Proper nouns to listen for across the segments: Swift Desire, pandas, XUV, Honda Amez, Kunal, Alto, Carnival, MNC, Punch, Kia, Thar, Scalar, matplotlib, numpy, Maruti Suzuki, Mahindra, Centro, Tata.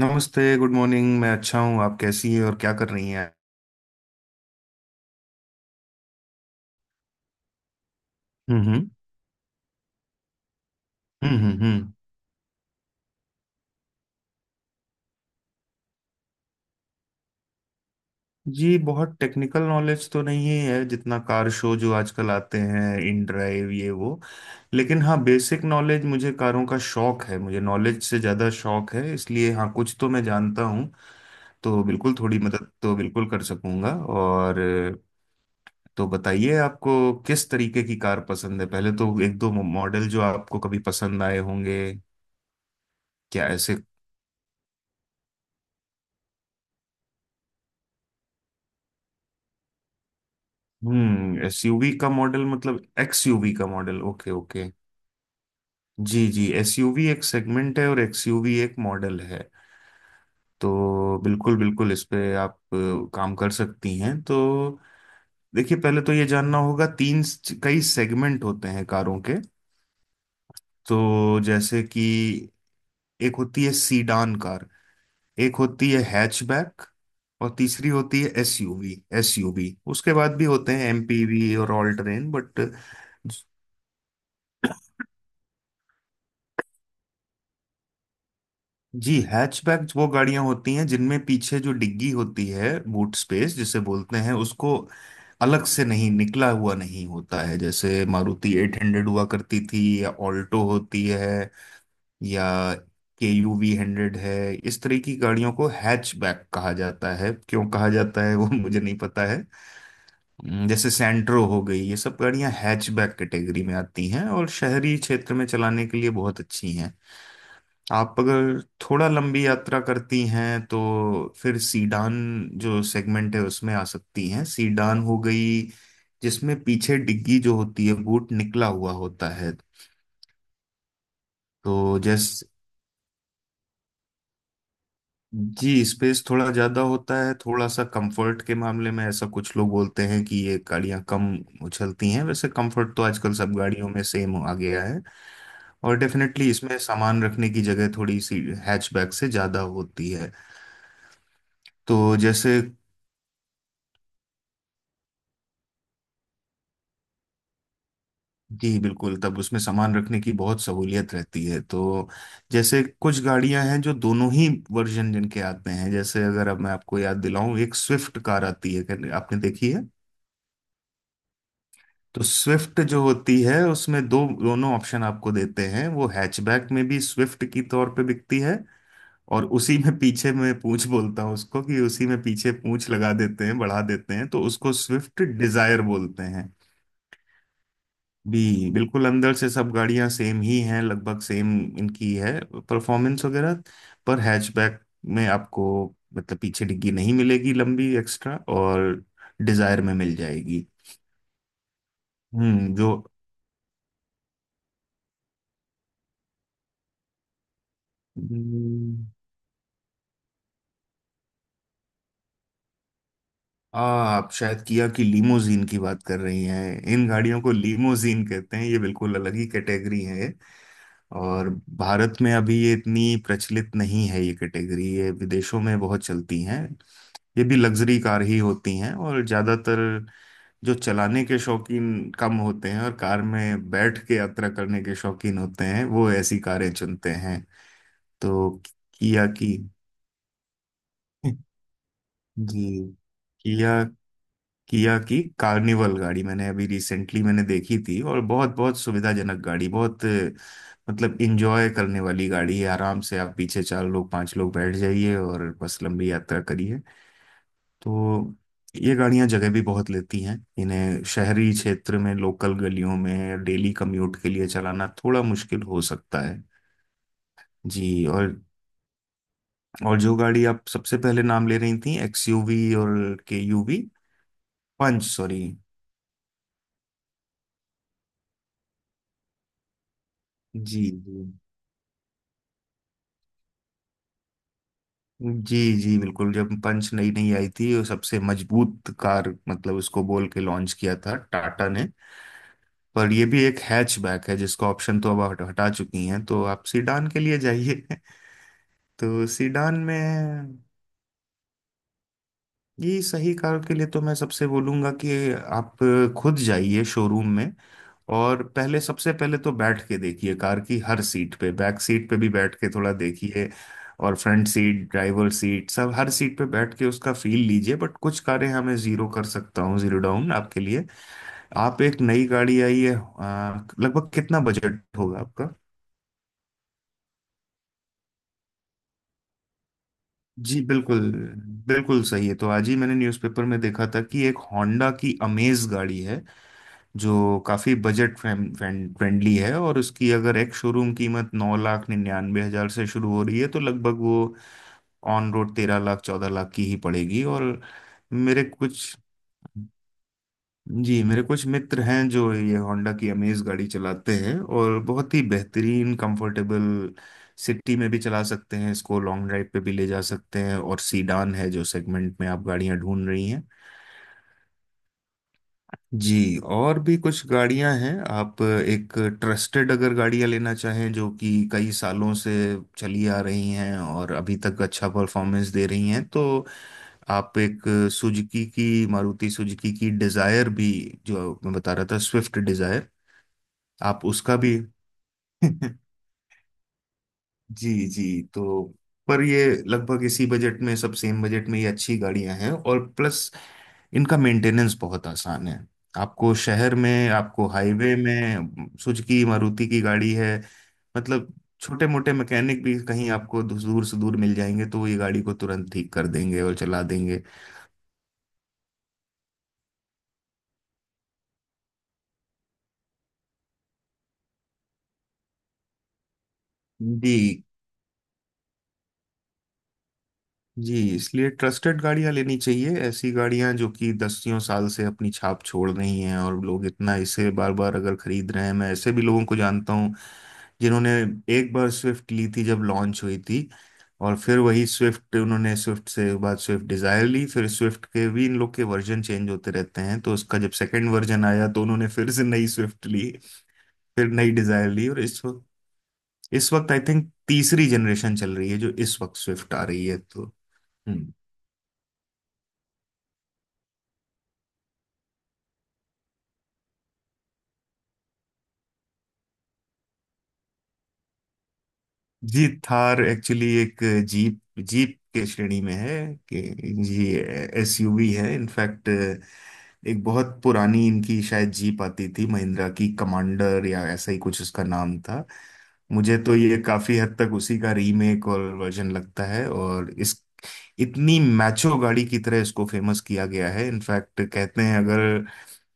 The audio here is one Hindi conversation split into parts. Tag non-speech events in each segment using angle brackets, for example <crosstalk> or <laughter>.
नमस्ते। Good morning. मैं अच्छा हूँ। आप कैसी हैं और क्या कर रही हैं? हम्म, हम्म, हम्म, हम्म, ये बहुत टेक्निकल नॉलेज तो नहीं है, जितना कार शो जो आजकल आते हैं, इन ड्राइव, ये वो। लेकिन हाँ, बेसिक नॉलेज, मुझे कारों का शौक है, मुझे नॉलेज से ज़्यादा शौक है, इसलिए हाँ कुछ तो मैं जानता हूँ। तो बिल्कुल थोड़ी मदद तो बिल्कुल कर सकूंगा, और तो बताइए आपको किस तरीके की कार पसंद है। पहले तो एक दो मॉडल जो आपको कभी पसंद आए होंगे? क्या, ऐसे? एसयूवी का मॉडल मतलब एक्सयूवी का मॉडल। Okay, okay. जी जी, एसयूवी एक सेगमेंट है और एक्सयूवी एक मॉडल है। तो बिल्कुल बिल्कुल इस पे आप काम कर सकती हैं, तो देखिए, पहले तो ये जानना होगा, तीन कई सेगमेंट होते हैं कारों के। तो जैसे कि एक होती है सीडान कार, एक होती है हैचबैक, और तीसरी होती है एसयूवी। एसयूवी, उसके बाद भी होते हैं एमपीवी और ऑल टेरेन, बट जी, हैचबैक वो गाड़ियां होती हैं जिनमें पीछे जो डिग्गी होती है, बूट स्पेस जिसे बोलते हैं उसको, अलग से नहीं निकला हुआ नहीं होता है। जैसे मारुति 800 हुआ करती थी, या ऑल्टो होती है, या KUV100 है। इस तरह की गाड़ियों को हैचबैक कहा जाता है। क्यों कहा जाता है वो <laughs> मुझे नहीं पता है। जैसे सेंट्रो हो गई, ये सब गाड़ियां हैचबैक कैटेगरी में आती हैं और शहरी क्षेत्र में चलाने के लिए बहुत अच्छी हैं। आप अगर थोड़ा लंबी यात्रा करती हैं, तो फिर सीडान जो सेगमेंट है उसमें आ सकती हैं। सीडान हो गई जिसमें पीछे डिग्गी जो होती है, बूट निकला हुआ होता है। तो जैसे जी, स्पेस थोड़ा ज्यादा होता है, थोड़ा सा कंफर्ट के मामले में ऐसा कुछ लोग बोलते हैं कि ये गाड़ियां कम उछलती हैं। वैसे कंफर्ट तो आजकल सब गाड़ियों में सेम आ गया है। और डेफिनेटली इसमें सामान रखने की जगह थोड़ी सी हैचबैक से ज्यादा होती है। तो जैसे जी बिल्कुल, तब उसमें सामान रखने की बहुत सहूलियत रहती है, तो जैसे कुछ गाड़ियां हैं जो दोनों ही वर्जन जिनके आते हैं, जैसे अगर अब मैं आपको याद दिलाऊं, एक स्विफ्ट कार आती है, आपने देखी है? तो स्विफ्ट जो होती है, उसमें दो दोनों ऑप्शन आपको देते हैं। वो हैचबैक में भी स्विफ्ट की तौर पे बिकती है, और उसी में पीछे में पूंछ बोलता हूँ उसको, कि उसी में पीछे पूंछ लगा देते हैं, बढ़ा देते हैं, तो उसको स्विफ्ट डिजायर बोलते हैं। बी बिल्कुल अंदर से सब गाड़ियां सेम ही हैं, लगभग सेम इनकी है परफॉर्मेंस वगैरह। पर हैचबैक में आपको मतलब पीछे डिग्गी नहीं मिलेगी लंबी एक्स्ट्रा, और डिजायर में मिल जाएगी। जो हम्म, आप शायद किया की लीमोजीन की बात कर रही हैं। इन गाड़ियों को लीमोजीन कहते हैं। ये बिल्कुल अलग ही कैटेगरी है ये। और भारत में अभी ये इतनी प्रचलित नहीं है, ये कैटेगरी, ये विदेशों में बहुत चलती हैं। ये भी लग्जरी कार ही होती हैं, और ज्यादातर जो चलाने के शौकीन कम होते हैं और कार में बैठ के यात्रा करने के शौकीन होते हैं, वो ऐसी कारें चुनते हैं। तो किया की जी, किया किया की कार्निवल गाड़ी मैंने अभी रिसेंटली मैंने देखी थी, और बहुत बहुत सुविधाजनक गाड़ी, बहुत मतलब इंजॉय करने वाली गाड़ी है। आराम से आप पीछे चार लोग, पांच लोग बैठ जाइए और बस लंबी यात्रा करिए। तो ये गाड़ियां जगह भी बहुत लेती हैं, इन्हें शहरी क्षेत्र में लोकल गलियों में डेली कम्यूट के लिए चलाना थोड़ा मुश्किल हो सकता है। जी, और जो गाड़ी आप सबसे पहले नाम ले रही थी, एक्सयूवी और केयूवी, पंच सॉरी। जी, जी, जी, जी बिल्कुल, जब पंच नई नई आई थी, वो सबसे मजबूत कार मतलब उसको बोल के लॉन्च किया था टाटा ने। पर ये भी एक हैचबैक है, जिसका ऑप्शन तो अब हटा चुकी हैं, तो आप सीडान के लिए जाइए। तो सीडान में ये सही कार के लिए तो मैं सबसे बोलूंगा कि आप खुद जाइए शोरूम में। और पहले, सबसे पहले तो बैठ के देखिए कार की, हर सीट पे, बैक सीट पे भी बैठ के थोड़ा देखिए। और फ्रंट सीट, ड्राइवर सीट, सब हर सीट पे बैठ के उसका फील लीजिए। बट कुछ कारें हमें जीरो कर सकता हूँ, जीरो डाउन आपके लिए। आप, एक नई गाड़ी आई है, लगभग कितना बजट होगा आपका? जी बिल्कुल, बिल्कुल सही है। तो आज ही मैंने न्यूज़पेपर में देखा था कि एक होंडा की अमेज गाड़ी है, जो काफ़ी बजट फ्रेंडली है, और उसकी अगर एक शोरूम कीमत 9,99,000 से शुरू हो रही है, तो लगभग वो ऑन रोड 13 लाख, 14 लाख की ही पड़ेगी। और मेरे कुछ जी, मेरे कुछ मित्र हैं जो ये होंडा की अमेज गाड़ी चलाते हैं, और बहुत ही बेहतरीन, कंफर्टेबल, सिटी में भी चला सकते हैं इसको, लॉन्ग ड्राइव पे भी ले जा सकते हैं, और सीडान है जो सेगमेंट में आप गाड़ियां ढूंढ रही हैं। जी, और भी कुछ गाड़ियां हैं। आप एक ट्रस्टेड अगर गाड़ियां लेना चाहें जो कि कई सालों से चली आ रही हैं और अभी तक अच्छा परफॉर्मेंस दे रही हैं, तो आप एक सुजुकी की, मारुति सुजुकी की डिजायर भी, जो मैं बता रहा था, स्विफ्ट डिजायर, आप उसका भी <laughs> जी जी, तो पर ये लगभग इसी बजट में, सब सेम बजट में, ये अच्छी गाड़ियां हैं, और प्लस इनका मेंटेनेंस बहुत आसान है। आपको शहर में, आपको हाईवे में, सुजुकी मारुति की गाड़ी है, मतलब छोटे मोटे मैकेनिक भी कहीं आपको दूर दूर से, दूर मिल जाएंगे। तो वो ये गाड़ी को तुरंत ठीक कर देंगे और चला देंगे। जी जी, इसलिए ट्रस्टेड गाड़ियां लेनी चाहिए। ऐसी गाड़ियां जो कि दसियों साल से अपनी छाप छोड़ रही हैं, और लोग इतना इसे बार बार अगर खरीद रहे हैं, मैं ऐसे भी लोगों को जानता हूँ जिन्होंने एक बार स्विफ्ट ली थी जब लॉन्च हुई थी, और फिर वही स्विफ्ट उन्होंने, स्विफ्ट से बाद स्विफ्ट डिजायर ली, फिर स्विफ्ट के भी इन लोग के वर्जन चेंज होते रहते हैं, तो उसका जब सेकंड वर्जन आया तो उन्होंने फिर से नई स्विफ्ट ली, फिर नई डिजायर ली, और इस वक्त आई थिंक तीसरी जनरेशन चल रही है जो इस वक्त स्विफ्ट आ रही है, तो हम्म जी, थार एक्चुअली एक जीप, जीप के श्रेणी में है। कि जी, एसयूवी है इनफैक्ट। एक बहुत पुरानी इनकी शायद जीप आती थी, महिंद्रा की कमांडर या ऐसा ही कुछ उसका नाम था। मुझे तो ये काफी हद तक उसी का रीमेक और वर्जन लगता है, और इस इतनी मैचो गाड़ी की तरह इसको फेमस किया गया है। इनफैक्ट कहते हैं अगर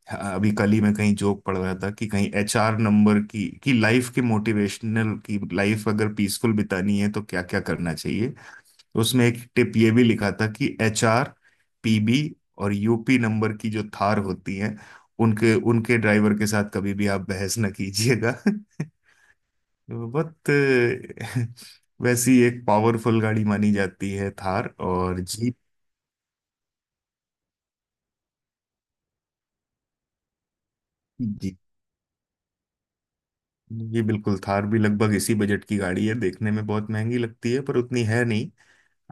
हाँ, अभी कल ही मैं कहीं जोक पढ़ रहा था कि कहीं एचआर नंबर की, कि लाइफ के मोटिवेशनल की, लाइफ अगर पीसफुल बितानी है तो क्या क्या करना चाहिए। तो उसमें एक टिप ये भी लिखा था कि एचआर, पीबी और यूपी नंबर की जो थार होती हैं, उनके उनके ड्राइवर के साथ कभी भी आप बहस न कीजिएगा। <laughs> बहुत वैसी एक पावरफुल गाड़ी मानी जाती है थार, और जीप। जी बिल्कुल, थार भी लगभग इसी बजट की गाड़ी है। देखने में बहुत महंगी लगती है पर उतनी है नहीं।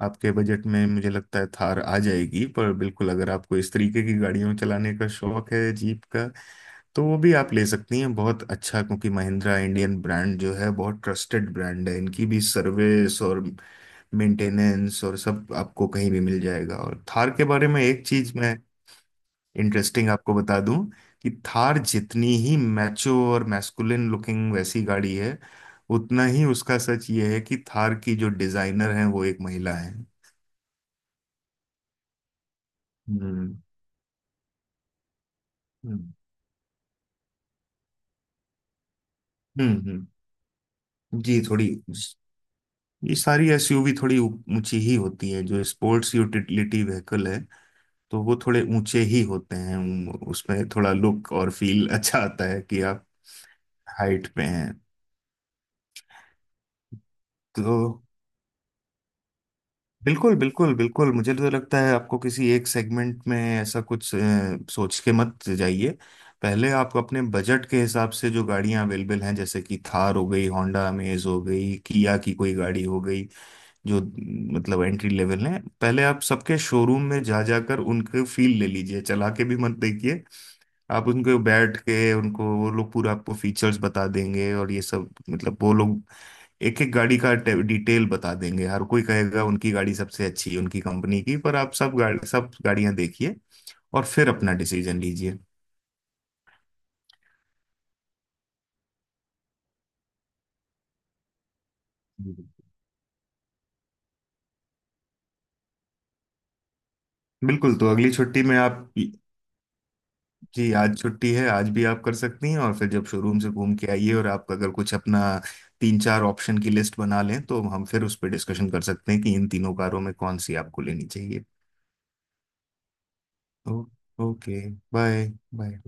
आपके बजट में मुझे लगता है थार आ जाएगी। पर बिल्कुल, अगर आपको इस तरीके की गाड़ियों चलाने का शौक है, जीप का, तो वो भी आप ले सकती हैं। बहुत अच्छा, क्योंकि महिंद्रा इंडियन ब्रांड जो है, बहुत ट्रस्टेड ब्रांड है। इनकी भी सर्विस और मेंटेनेंस और सब आपको कहीं भी मिल जाएगा। और थार के बारे में एक चीज मैं इंटरेस्टिंग आपको बता दूं, कि थार जितनी ही मैचो और मैस्कुलिन लुकिंग वैसी गाड़ी है, उतना ही उसका सच ये है कि थार की जो डिजाइनर है वो एक महिला है। हम्म, हम्म। हम्म, हम्म। जी थोड़ी, ये सारी एसयूवी थोड़ी ऊंची ही होती है, जो स्पोर्ट्स यूटिलिटी व्हीकल है। तो वो थोड़े ऊंचे ही होते हैं, उसमें थोड़ा लुक और फील अच्छा आता है कि आप हाइट पे हैं। तो बिल्कुल बिल्कुल बिल्कुल, मुझे तो लगता है आपको किसी एक सेगमेंट में ऐसा कुछ सोच के मत जाइए। पहले आप अपने बजट के हिसाब से जो गाड़ियां अवेलेबल हैं, जैसे कि थार हो गई, होंडा अमेज हो गई, किया की कोई गाड़ी हो गई, जो मतलब एंट्री लेवल है। पहले आप सबके शोरूम में जा जाकर उनके फील ले लीजिए, चला के भी मत देखिए। आप उनको बैठ के, उनको वो लोग पूरा आपको फीचर्स बता देंगे, और ये सब मतलब वो लोग एक एक गाड़ी का डिटेल बता देंगे। हर कोई कहेगा उनकी गाड़ी सबसे अच्छी है, उनकी कंपनी की, पर आप सब गाड़ी, सब गाड़ियां देखिए, और फिर अपना डिसीजन लीजिए। जी। बिल्कुल, तो अगली छुट्टी में आप जी, आज छुट्टी है, आज भी आप कर सकती हैं। और फिर जब शोरूम से घूम के आइए और आप अगर कुछ अपना तीन चार ऑप्शन की लिस्ट बना लें, तो हम फिर उस पर डिस्कशन कर सकते हैं कि इन तीनों कारों में कौन सी आपको लेनी चाहिए। ओ, ओके। बाय। बाय।